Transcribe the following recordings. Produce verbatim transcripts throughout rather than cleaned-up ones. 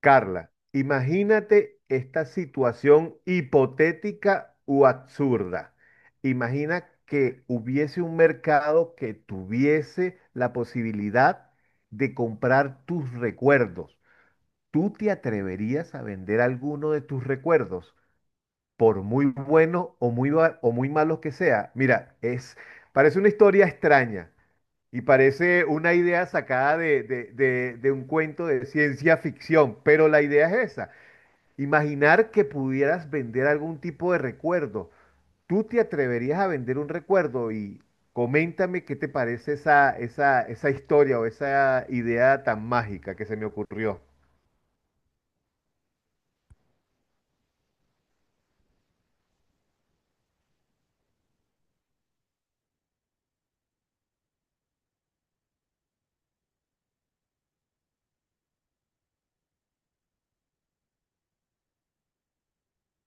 Carla, imagínate esta situación hipotética u absurda. Imagina que hubiese un mercado que tuviese la posibilidad de comprar tus recuerdos. ¿Tú te atreverías a vender alguno de tus recuerdos, por muy bueno o muy, ba- o muy malo que sea? Mira, es, parece una historia extraña y parece una idea sacada de de- de- de un cuento de ciencia ficción, pero la idea es esa. Imaginar que pudieras vender algún tipo de recuerdo. ¿Tú te atreverías a vender un recuerdo? Y coméntame qué te parece esa, esa, esa historia o esa idea tan mágica que se me ocurrió.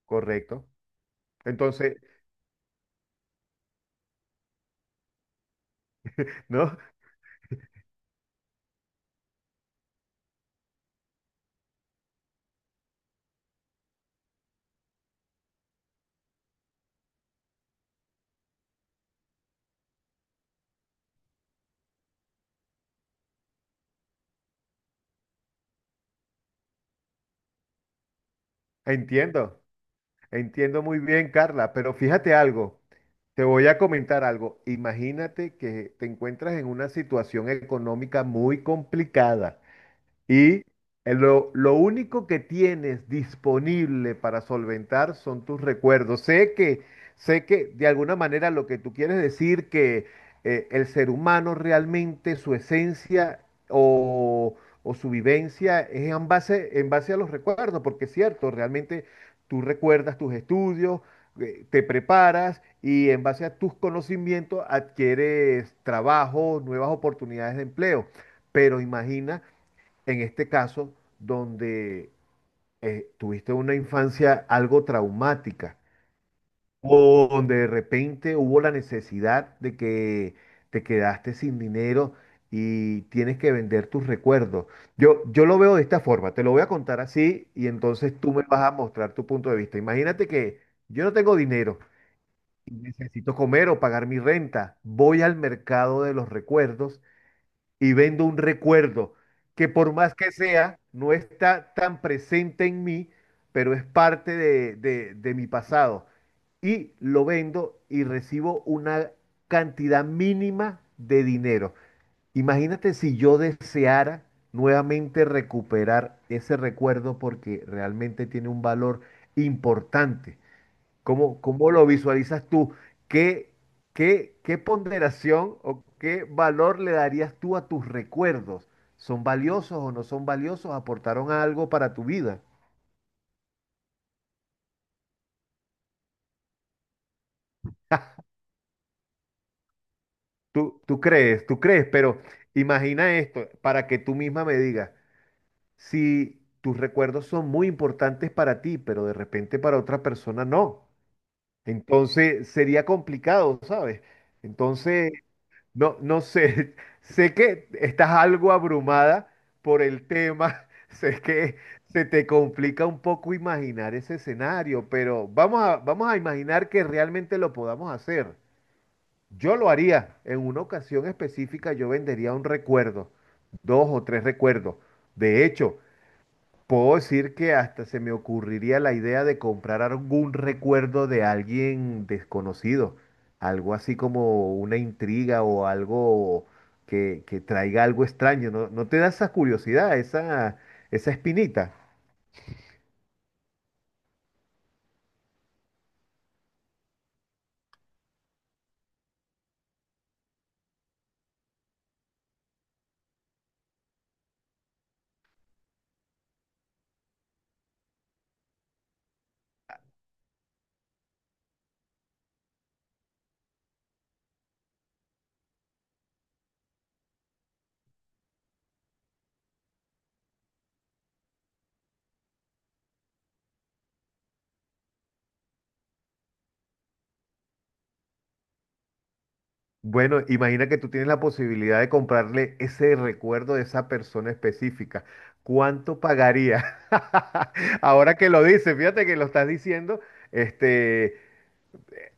Correcto. Entonces, no, entiendo, entiendo muy bien, Carla, pero fíjate algo. Te voy a comentar algo. Imagínate que te encuentras en una situación económica muy complicada. Y eh, lo, lo único que tienes disponible para solventar son tus recuerdos. Sé que, sé que de alguna manera lo que tú quieres decir que eh, el ser humano realmente su esencia o, o su vivencia es en base, en base a los recuerdos, porque es cierto, realmente tú recuerdas tus estudios, eh, te preparas y en base a tus conocimientos adquieres trabajo, nuevas oportunidades de empleo. Pero imagina en este caso, donde eh, tuviste una infancia algo traumática o donde de repente hubo la necesidad de que te quedaste sin dinero y tienes que vender tus recuerdos. Yo, yo lo veo de esta forma, te lo voy a contar así y entonces tú me vas a mostrar tu punto de vista. Imagínate que yo no tengo dinero y necesito comer o pagar mi renta. Voy al mercado de los recuerdos y vendo un recuerdo que por más que sea, no está tan presente en mí, pero es parte de, de- de mi pasado. Y lo vendo y recibo una cantidad mínima de dinero. Imagínate si yo deseara nuevamente recuperar ese recuerdo porque realmente tiene un valor importante. ¿Cómo, cómo lo visualizas tú? ¿Qué, qué, qué ponderación o qué valor le darías tú a tus recuerdos? ¿Son valiosos o no son valiosos? ¿Aportaron algo para tu vida? Tú, tú crees, tú crees, pero imagina esto para que tú misma me digas, si tus recuerdos son muy importantes para ti, pero de repente para otra persona no, entonces sería complicado, ¿sabes? Entonces... No, no sé, sé que estás algo abrumada por el tema, sé que se te complica un poco imaginar ese escenario, pero vamos a, vamos a imaginar que realmente lo podamos hacer. Yo lo haría, en una ocasión específica yo vendería un recuerdo, dos o tres recuerdos. De hecho, puedo decir que hasta se me ocurriría la idea de comprar algún recuerdo de alguien desconocido, algo así como una intriga o algo que, que traiga algo extraño. ¿No, no te da esa curiosidad, esa, esa espinita? Bueno, imagina que tú tienes la posibilidad de comprarle ese recuerdo de esa persona específica. ¿Cuánto pagaría? Ahora que lo dices, fíjate que lo estás diciendo, este...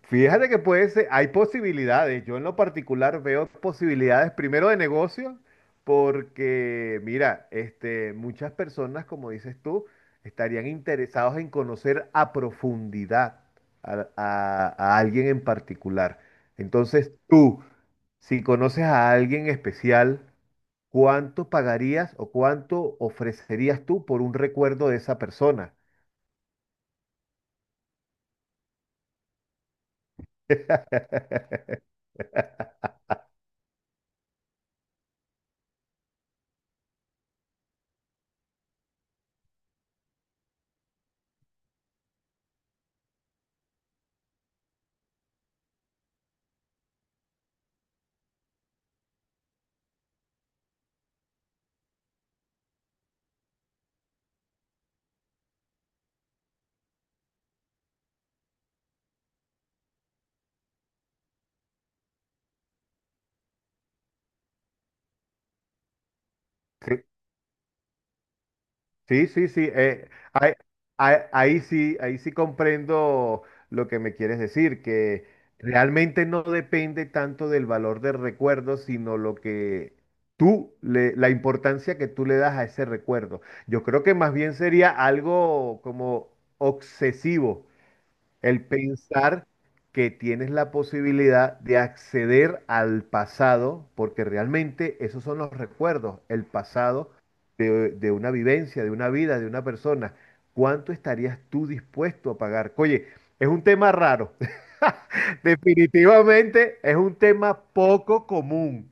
Fíjate que puede ser, hay posibilidades. Yo en lo particular veo posibilidades primero de negocio, porque mira, este, muchas personas, como dices tú, estarían interesados en conocer a profundidad a, a- a alguien en particular. Entonces tú, si conoces a alguien especial, ¿cuánto pagarías o cuánto ofrecerías tú por un recuerdo de esa persona? Sí, sí, sí. eh, ahí, ahí- ahí sí, ahí sí comprendo lo que me quieres decir, que realmente no depende tanto del valor del recuerdo, sino lo que tú le, la importancia que tú le das a ese recuerdo. Yo creo que más bien sería algo como obsesivo. El pensar que tienes la posibilidad de acceder al pasado, porque realmente esos son los recuerdos, el pasado de, de una vivencia, de una vida, de una persona. ¿Cuánto estarías tú dispuesto a pagar? Oye, es un tema raro. Definitivamente es un tema poco común.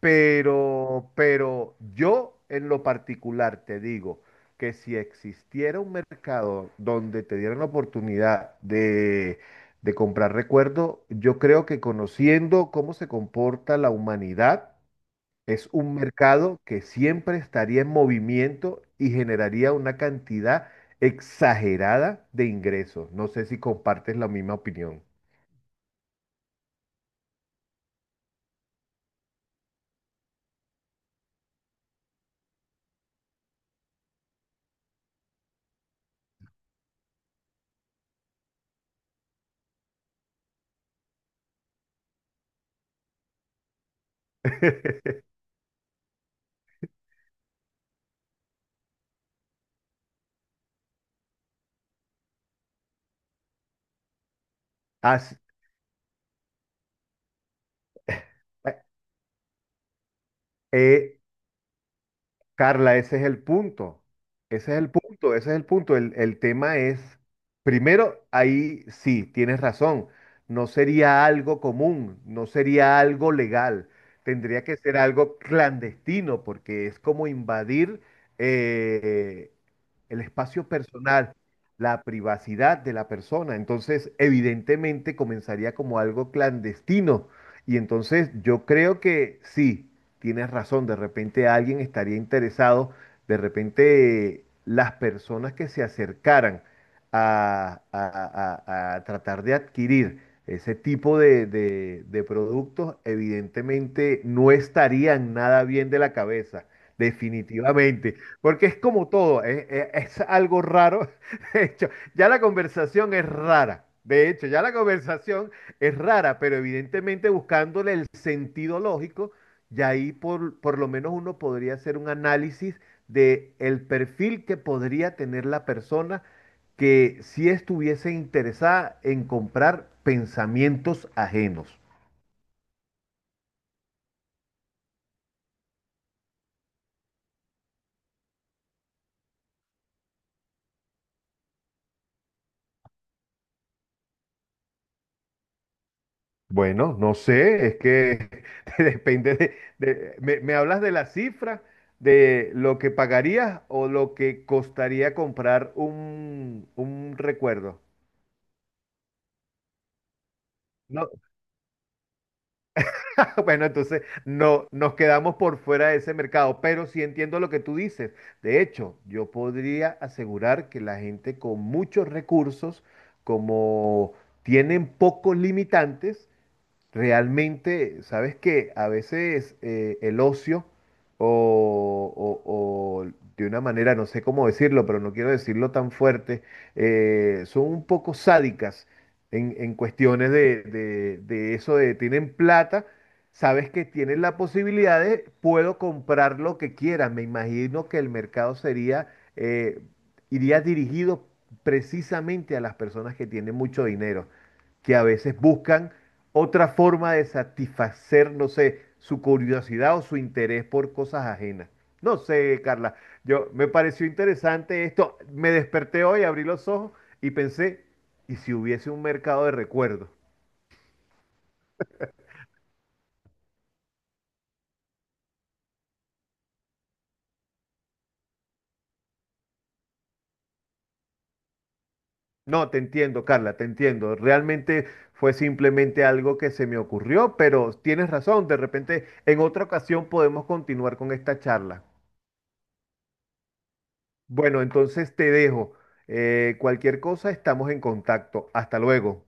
Pero, pero yo en lo particular te digo que si existiera un mercado donde te dieran la oportunidad de, de comprar recuerdo, yo creo que conociendo cómo se comporta la humanidad, es un mercado que siempre estaría en movimiento y generaría una cantidad exagerada de ingresos. No sé si compartes la misma opinión. Así- eh, Carla, ese es el punto. Ese es el punto, ese es el punto. El, el tema es, primero, ahí sí, tienes razón. No sería algo común, no sería algo legal. Tendría que ser algo clandestino porque es como invadir eh, el espacio personal, la privacidad de la persona. Entonces, evidentemente, comenzaría como algo clandestino. Y entonces yo creo que sí tienes razón, de repente alguien estaría interesado, de repente eh, las personas que se acercaran a, a- a- a tratar de adquirir ese tipo de, de- de productos, evidentemente no estarían nada bien de la cabeza. Definitivamente, porque es como todo, es, es- es algo raro. De hecho, ya la conversación es rara. De hecho, ya la conversación es rara, pero evidentemente buscándole el sentido lógico, y ahí por, por lo menos uno podría hacer un análisis de el perfil que podría tener la persona que si estuviese interesada en comprar pensamientos ajenos. Bueno, no sé, es que depende de, de- me, me hablas de la cifra, de lo que pagarías o lo que costaría comprar un, un recuerdo. No, bueno, entonces no nos quedamos por fuera de ese mercado, pero sí entiendo lo que tú dices. De hecho, yo podría asegurar que la gente con muchos recursos, como tienen pocos limitantes, realmente, sabes que a veces eh, el ocio o, o- o de una manera, no sé cómo decirlo, pero no quiero decirlo tan fuerte, eh, son un poco sádicas en, en cuestiones de, de- de eso de tienen plata, sabes que tienen la posibilidad de puedo comprar lo que quiera. Me imagino que el mercado sería, eh, iría dirigido precisamente a las personas que tienen mucho dinero que a veces buscan otra forma de satisfacer, no sé, su curiosidad o su interés por cosas ajenas. No sé, Carla, yo me pareció interesante esto. Me desperté hoy, abrí los ojos y pensé, ¿y si hubiese un mercado de recuerdos? No, te entiendo, Carla, te entiendo. Realmente fue simplemente algo que se me ocurrió, pero tienes razón, de repente en otra ocasión podemos continuar con esta charla. Bueno, entonces te dejo. Eh, cualquier cosa, estamos en contacto. Hasta luego.